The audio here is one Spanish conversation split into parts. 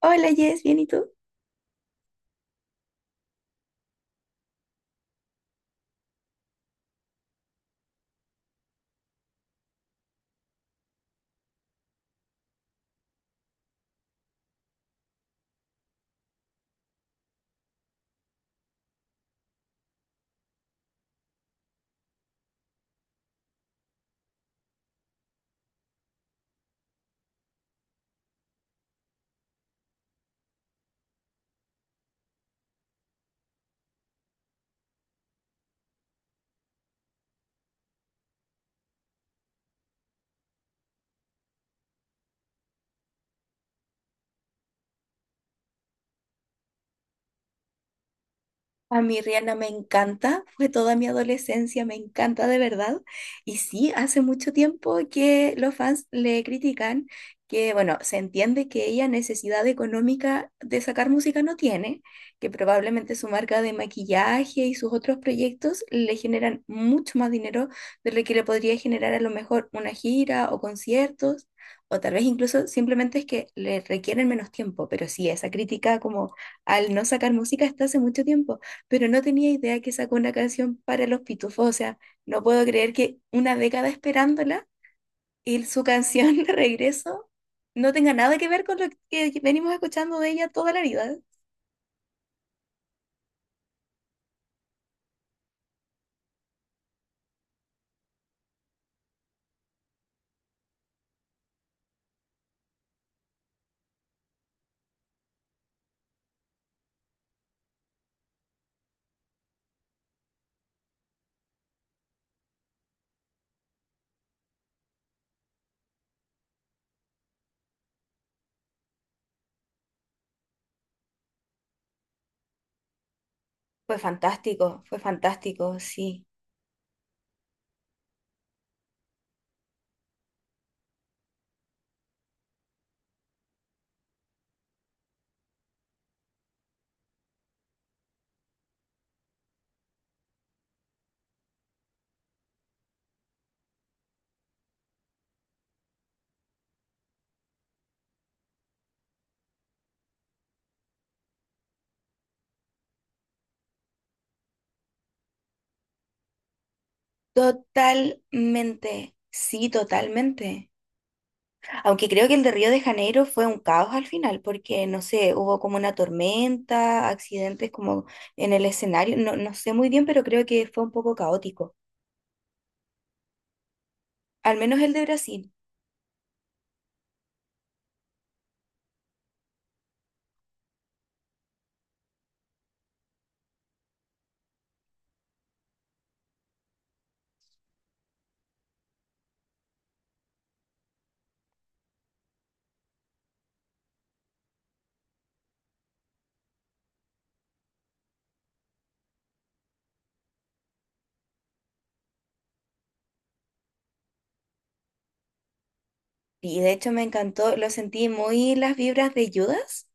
Hola, Jess, ¿bien y tú? A mí Rihanna me encanta, fue toda mi adolescencia, me encanta de verdad. Y sí, hace mucho tiempo que los fans le critican que, bueno, se entiende que ella necesidad económica de sacar música no tiene, que probablemente su marca de maquillaje y sus otros proyectos le generan mucho más dinero de lo que le podría generar a lo mejor una gira o conciertos, o tal vez incluso simplemente es que le requieren menos tiempo, pero sí, esa crítica como al no sacar música está hace mucho tiempo pero no tenía idea que sacó una canción para los Pitufos. O sea, no puedo creer que una década esperándola y su canción regreso no tenga nada que ver con lo que venimos escuchando de ella toda la vida. Fue fantástico, sí. Totalmente, sí, totalmente. Aunque creo que el de Río de Janeiro fue un caos al final, porque no sé, hubo como una tormenta, accidentes como en el escenario, no, no sé muy bien, pero creo que fue un poco caótico. Al menos el de Brasil. Y de hecho me encantó, lo sentí muy las vibras de Judas.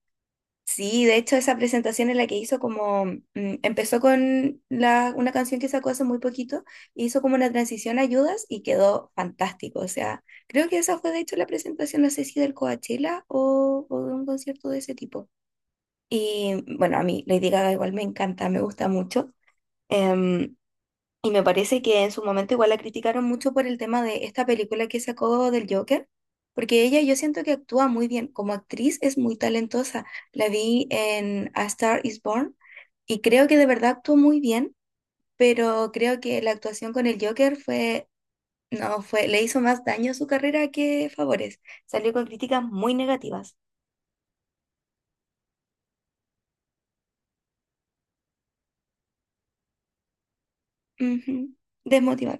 Sí, de hecho esa presentación en la que hizo empezó con una canción que sacó hace muy poquito, hizo como una transición a Judas y quedó fantástico. O sea, creo que esa fue de hecho la presentación, no sé si del Coachella o de un concierto de ese tipo. Y bueno, a mí Lady Gaga igual me encanta, me gusta mucho. Em, y me parece que en su momento igual la criticaron mucho por el tema de esta película que sacó del Joker, porque ella yo siento que actúa muy bien, como actriz es muy talentosa. La vi en A Star is Born y creo que de verdad actuó muy bien, pero creo que la actuación con el Joker fue, no, fue, le hizo más daño a su carrera que favores. Salió con críticas muy negativas. Ujú. Desmotivar.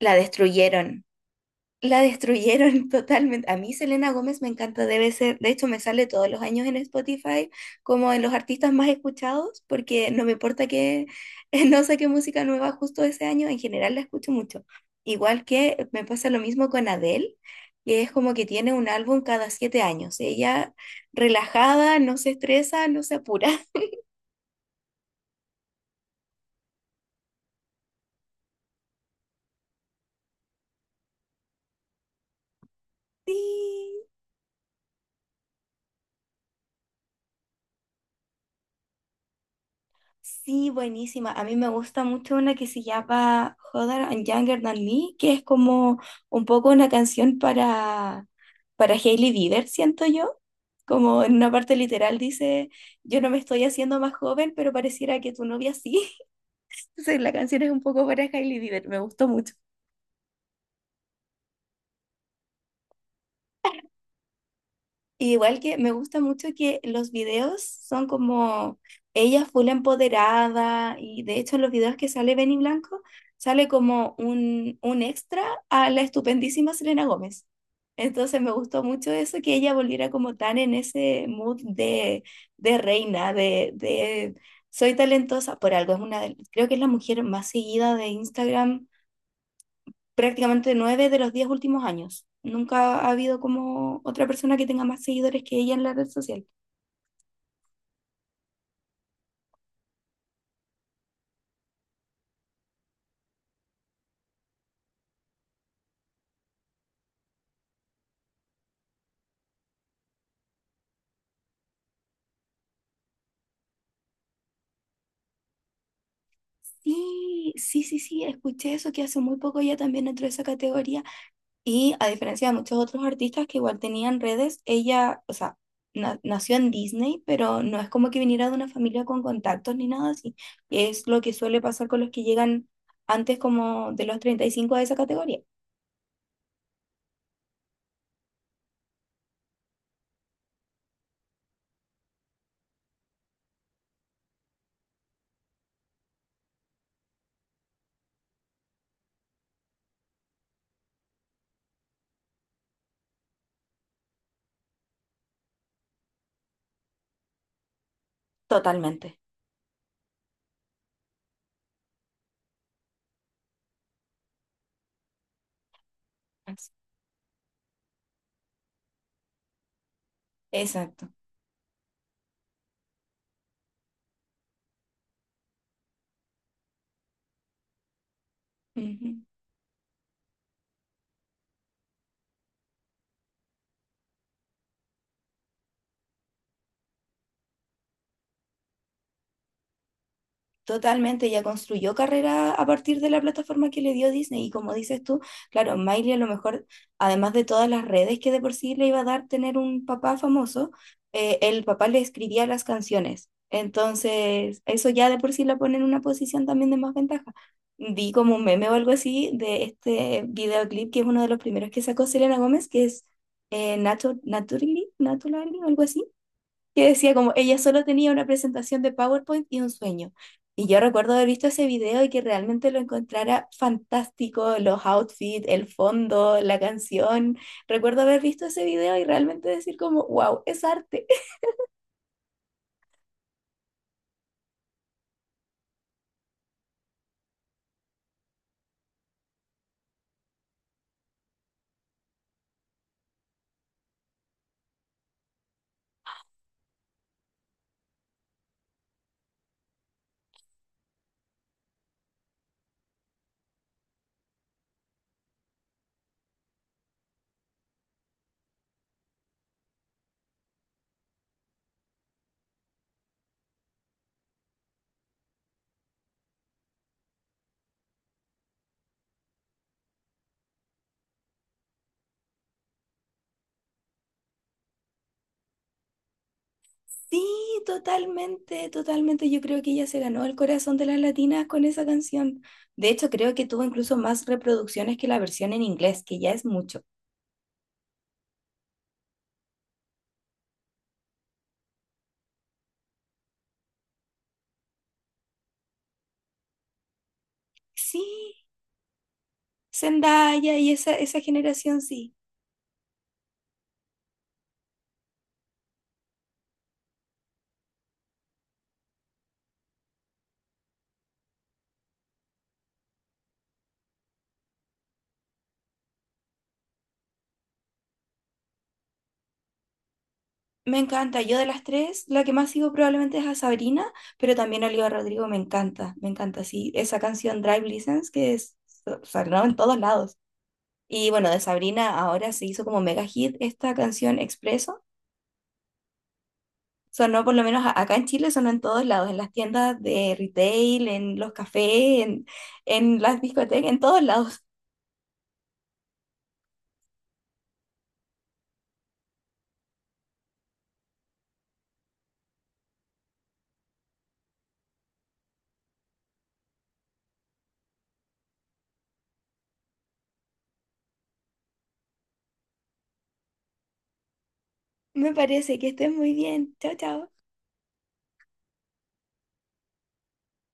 La destruyeron. La destruyeron totalmente. A mí Selena Gómez me encanta, debe ser, de hecho me sale todos los años en Spotify como en los artistas más escuchados, porque no me importa que no saque música nueva justo ese año, en general la escucho mucho. Igual que me pasa lo mismo con Adele, que es como que tiene un álbum cada 7 años. Ella relajada, no se estresa, no se apura. Sí. Sí, buenísima. A mí me gusta mucho una que se llama Hotter and Younger Than Me, que es como un poco una canción para Hailey Bieber, siento yo. Como en una parte literal dice, yo no me estoy haciendo más joven, pero pareciera que tu novia sí. Entonces la canción es un poco para Hailey Bieber. Me gustó mucho. Y igual que me gusta mucho que los videos son como ella full empoderada y de hecho en los videos que sale Benny Blanco sale como un extra a la estupendísima Selena Gómez. Entonces me gustó mucho eso, que ella volviera como tan en ese mood de reina, de soy talentosa por algo. Es una de- creo que es la mujer más seguida de Instagram prácticamente 9 de los 10 últimos años. Nunca ha habido como otra persona que tenga más seguidores que ella en la red social. Sí, sí, sí, sí, escuché eso, que hace muy poco ella también entró a esa categoría y a diferencia de muchos otros artistas que igual tenían redes, ella, o sea, nació en Disney, pero no es como que viniera de una familia con contactos ni nada así. Es lo que suele pasar con los que llegan antes como de los 35 a esa categoría. Totalmente. Exacto. Ujú. Totalmente, ella construyó carrera a partir de la plataforma que le dio Disney y como dices tú, claro, Miley a lo mejor, además de todas las redes que de por sí le iba a dar tener un papá famoso, el papá le escribía las canciones. Entonces, eso ya de por sí la pone en una posición también de más ventaja. Vi como un meme o algo así de este videoclip que es uno de los primeros que sacó Selena Gómez, que es Naturally, Naturally, algo así, que decía como ella solo tenía una presentación de PowerPoint y un sueño. Y yo recuerdo haber visto ese video y que realmente lo encontrara fantástico, los outfits, el fondo, la canción. Recuerdo haber visto ese video y realmente decir como, wow, es arte. Sí, totalmente, totalmente. Yo creo que ella se ganó el corazón de las latinas con esa canción. De hecho, creo que tuvo incluso más reproducciones que la versión en inglés, que ya es mucho. Sí, Zendaya y esa generación, sí. Me encanta. Yo de las tres, la que más sigo probablemente es a Sabrina, pero también a Olivia Rodrigo me encanta. Me encanta, sí. Esa canción Drive License que es, sonó en todos lados. Y bueno, de Sabrina ahora se hizo como mega hit esta canción Expreso. Sonó por lo menos acá en Chile, sonó en todos lados, en las tiendas de retail, en los cafés, en las discotecas, en todos lados. Me parece que estés muy bien. Chao, chao.